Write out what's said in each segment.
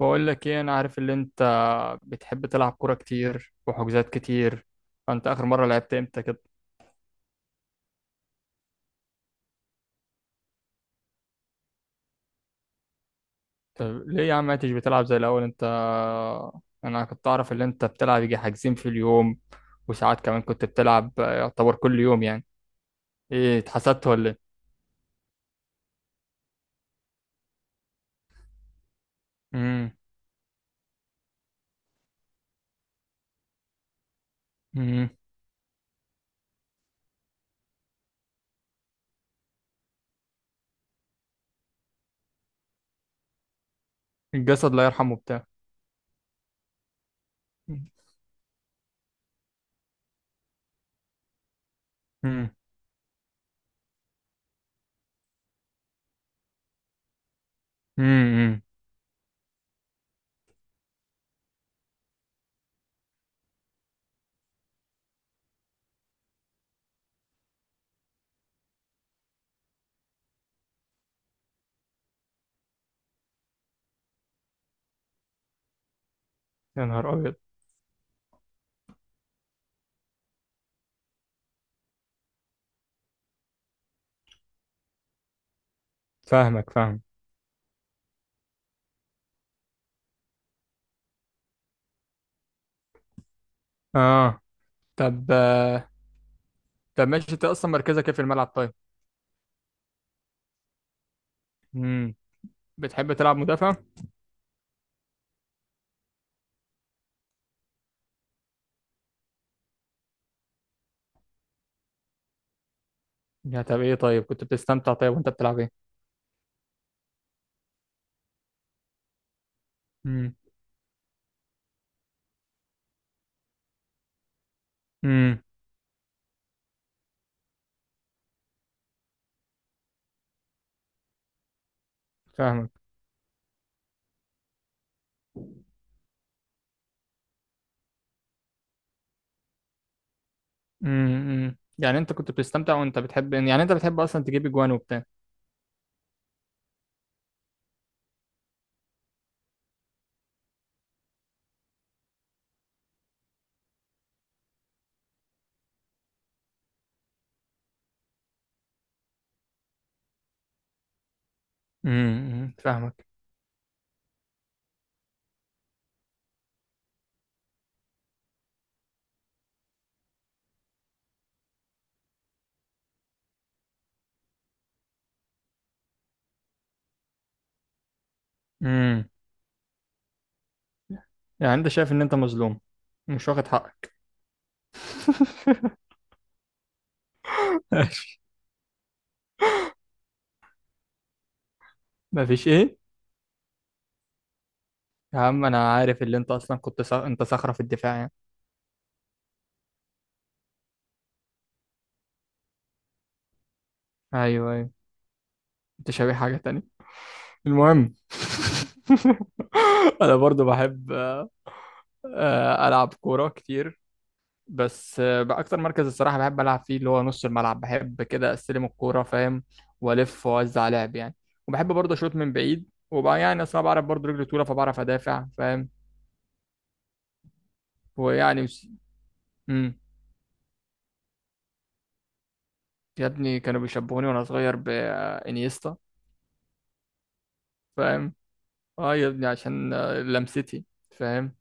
بقول لك ايه، انا عارف ان انت بتحب تلعب كوره كتير وحجوزات كتير. فانت اخر مره لعبت امتى كده؟ طب ليه يا عم ما انتش بتلعب زي الاول انت؟ انا كنت اعرف ان انت بتلعب يجي حاجزين في اليوم، وساعات كمان كنت بتلعب يعتبر كل يوم يعني. ايه، اتحسدت ولا ايه؟ امم. امم. الجسد لا يرحمه بتاع. امم. امم. يا نهار ابيض. فاهمك فاهم. اه. طب طب ماشي، انت اصلا مركزك ايه في الملعب طيب؟ امم. بتحب تلعب مدافع؟ يا طب ايه، طيب كنت بتستمتع طيب وانت بتلعب ايه؟ امم. امم. فاهمك. امم. يعني انت كنت بتستمتع، وانت بتحب يعني انت بتحب اصلا تجيب اجوان وبتاع. امم. فاهمك. امم. يعني انت شايف ان انت مظلوم؟ مش واخد حقك. مفيش ايه؟ يا عم انا عارف اللي انت اصلا انت صخرة في الدفاع يعني. ايوه، ايوه. انت شبيه حاجة تانية. المهم. انا برضو بحب العب كورة كتير. بس بقى اكتر مركز الصراحه بحب العب فيه اللي هو نص الملعب، بحب كده استلم الكوره فاهم. والف واوزع لعب يعني. وبحب برضه اشوط من بعيد، وبقى يعني اصلا بعرف برضه رجلي طويله فبعرف ادافع فاهم. ويعني بس. مم. يا ابني كانوا بيشبهوني وانا صغير بانيستا. فاهم. اه يا ابني عشان لمستي. فاهم.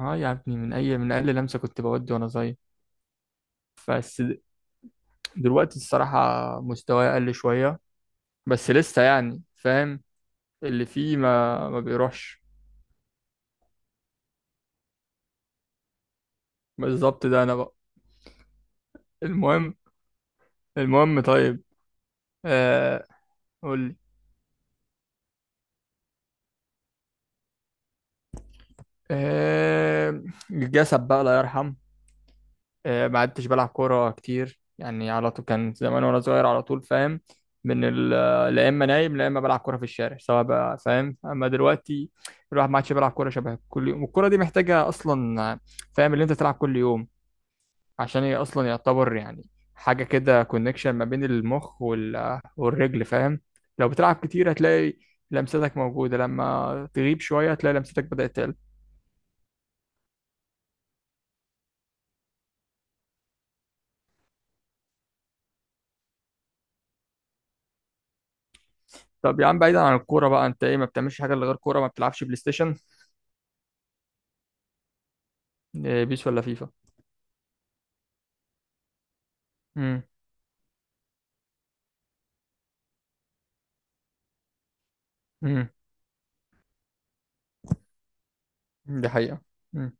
اه يا ابني من اي من اقل لمسه كنت بودي وانا صغير. بس دلوقتي الصراحه مستواي اقل شويه. بس لسه يعني فاهم، اللي فيه ما بيروحش. بالظبط ده انا بقى. المهم. المهم طيب. آه قول لي. آه الجسد بقى الله يرحم. ما عدتش بلعب كوره كتير يعني على طول، كان زمان وانا صغير على طول فاهم. من ال- لا اما نايم لا اما بلعب كوره في الشارع سواء بقى فاهم. اما دلوقتي الواحد ما عادش بيلعب كوره شبه كل يوم، والكوره دي محتاجه اصلا فاهم اللي انت تلعب كل يوم، عشان هي اصلا يعتبر يعني حاجه كده كونكشن ما بين المخ والرجل فاهم. لو بتلعب كتير هتلاقي لمستك موجوده، لما تغيب شويه هتلاقي لمستك بدات تقل. طب يا عم بعيدا عن الكوره بقى، انت ايه ما بتعملش حاجه إلا غير كوره؟ ما بتلعبش بلاي ستيشن؟ إيه، بيس ولا فيفا؟ امم. امم. دي حقيقه. امم.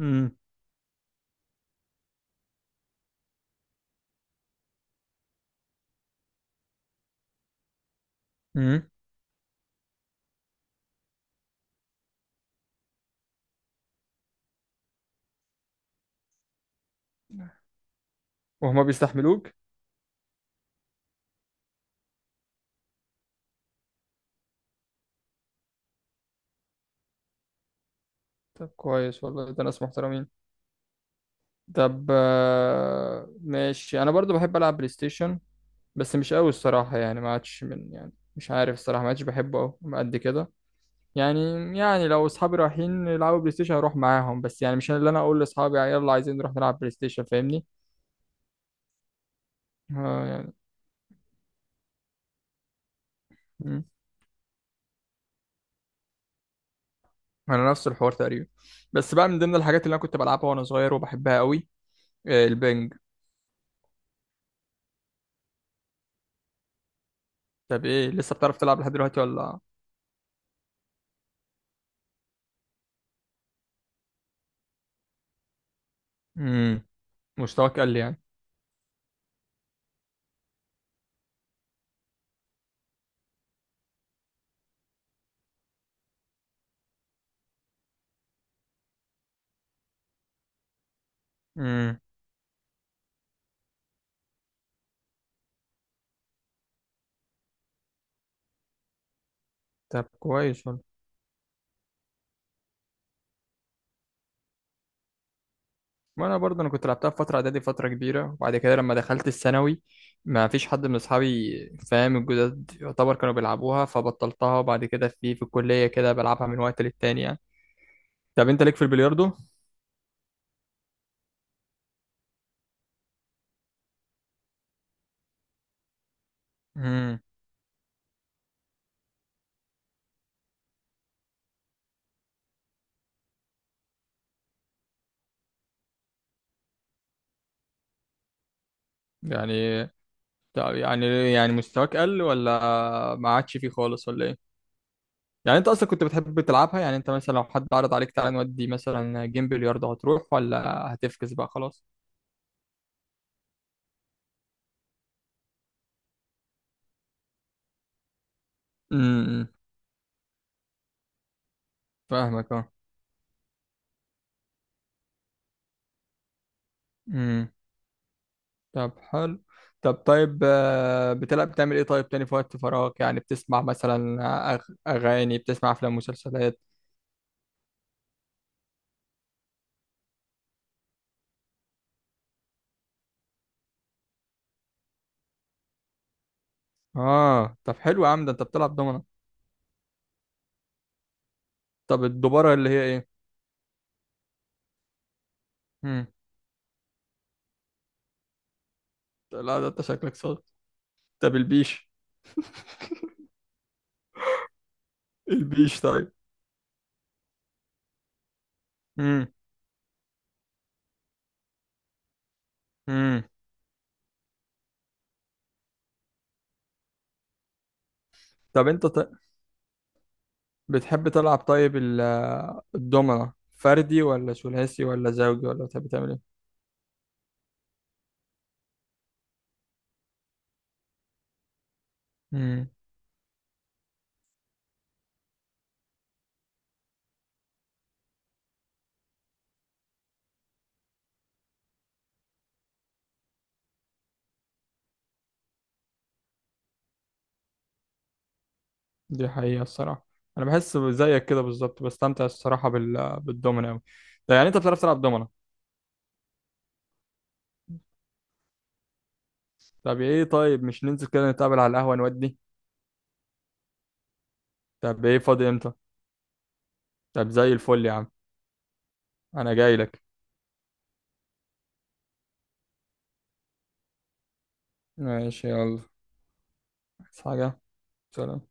امم. امم. وهما بيستحملوك؟ طب كويس والله، ده ناس محترمين. طب ماشي انا برضو بحب العب بلاي ستيشن. بس مش قوي الصراحة يعني، ما عادش من يعني مش عارف الصراحة ما عادش بحبه أوي قد كده يعني يعني لو أصحابي رايحين يلعبوا بلاي ستيشن هروح معاهم، بس يعني مش أنا اللي أنا أقول لأصحابي يلا عايزين نروح نلعب بلاي ستيشن، فاهمني؟ آه يعني. مم. أنا نفس الحوار تقريبا. بس بقى من ضمن الحاجات اللي أنا كنت بلعبها وأنا صغير وبحبها أوي البنج. طب إيه، لسه بتعرف تلعب لحد دلوقتي ولا؟ مم. مستواك قل يعني. مم. طب كويس والله. ما انا برضه انا كنت لعبتها في فتره اعدادي فتره كبيره، وبعد كده لما دخلت الثانوي ما فيش حد من اصحابي فاهم الجداد يعتبر كانوا بيلعبوها، فبطلتها. وبعد كده في الكليه كده بلعبها من وقت للتاني يعني. طب انت ليك في البلياردو؟ امم. يعني طب يعني مستواك قل، ولا ما عادش فيه خالص ولا ايه؟ يعني انت اصلا كنت بتحب تلعبها يعني، انت مثلا لو حد عرض عليك تعالى نودي مثلا جيم بلياردو هتروح، ولا هتفكس بقى خلاص؟ امم. فاهمك. اه طب حلو. طب طيب بتلعب بتعمل ايه طيب تاني في وقت فراغك يعني؟ بتسمع مثلا اغاني، بتسمع افلام، مسلسلات؟ اه طب حلو يا عم، ده انت بتلعب دومنة. طب الدوبارة اللي هي ايه؟ امم. لا ده انت شكلك صاد. طب البيش. البيش طيب. امم. امم. طب انت بتحب تلعب طيب الدومنة فردي، ولا ثلاثي، ولا زوجي، ولا بتحب تعمل ايه؟ مم. دي حقيقة الصراحة. أنا بحس زيك كده بالظبط، بستمتع الصراحة بالدومينو أوي. طب يعني أنت بتعرف تلعب دومينو. طب إيه طيب، مش ننزل كده نتقابل على القهوة نودي؟ طب إيه، فاضي إمتى؟ طب زي الفل يا عم. أنا جاي لك. ماشي يلا. عايز حاجة؟ سلام.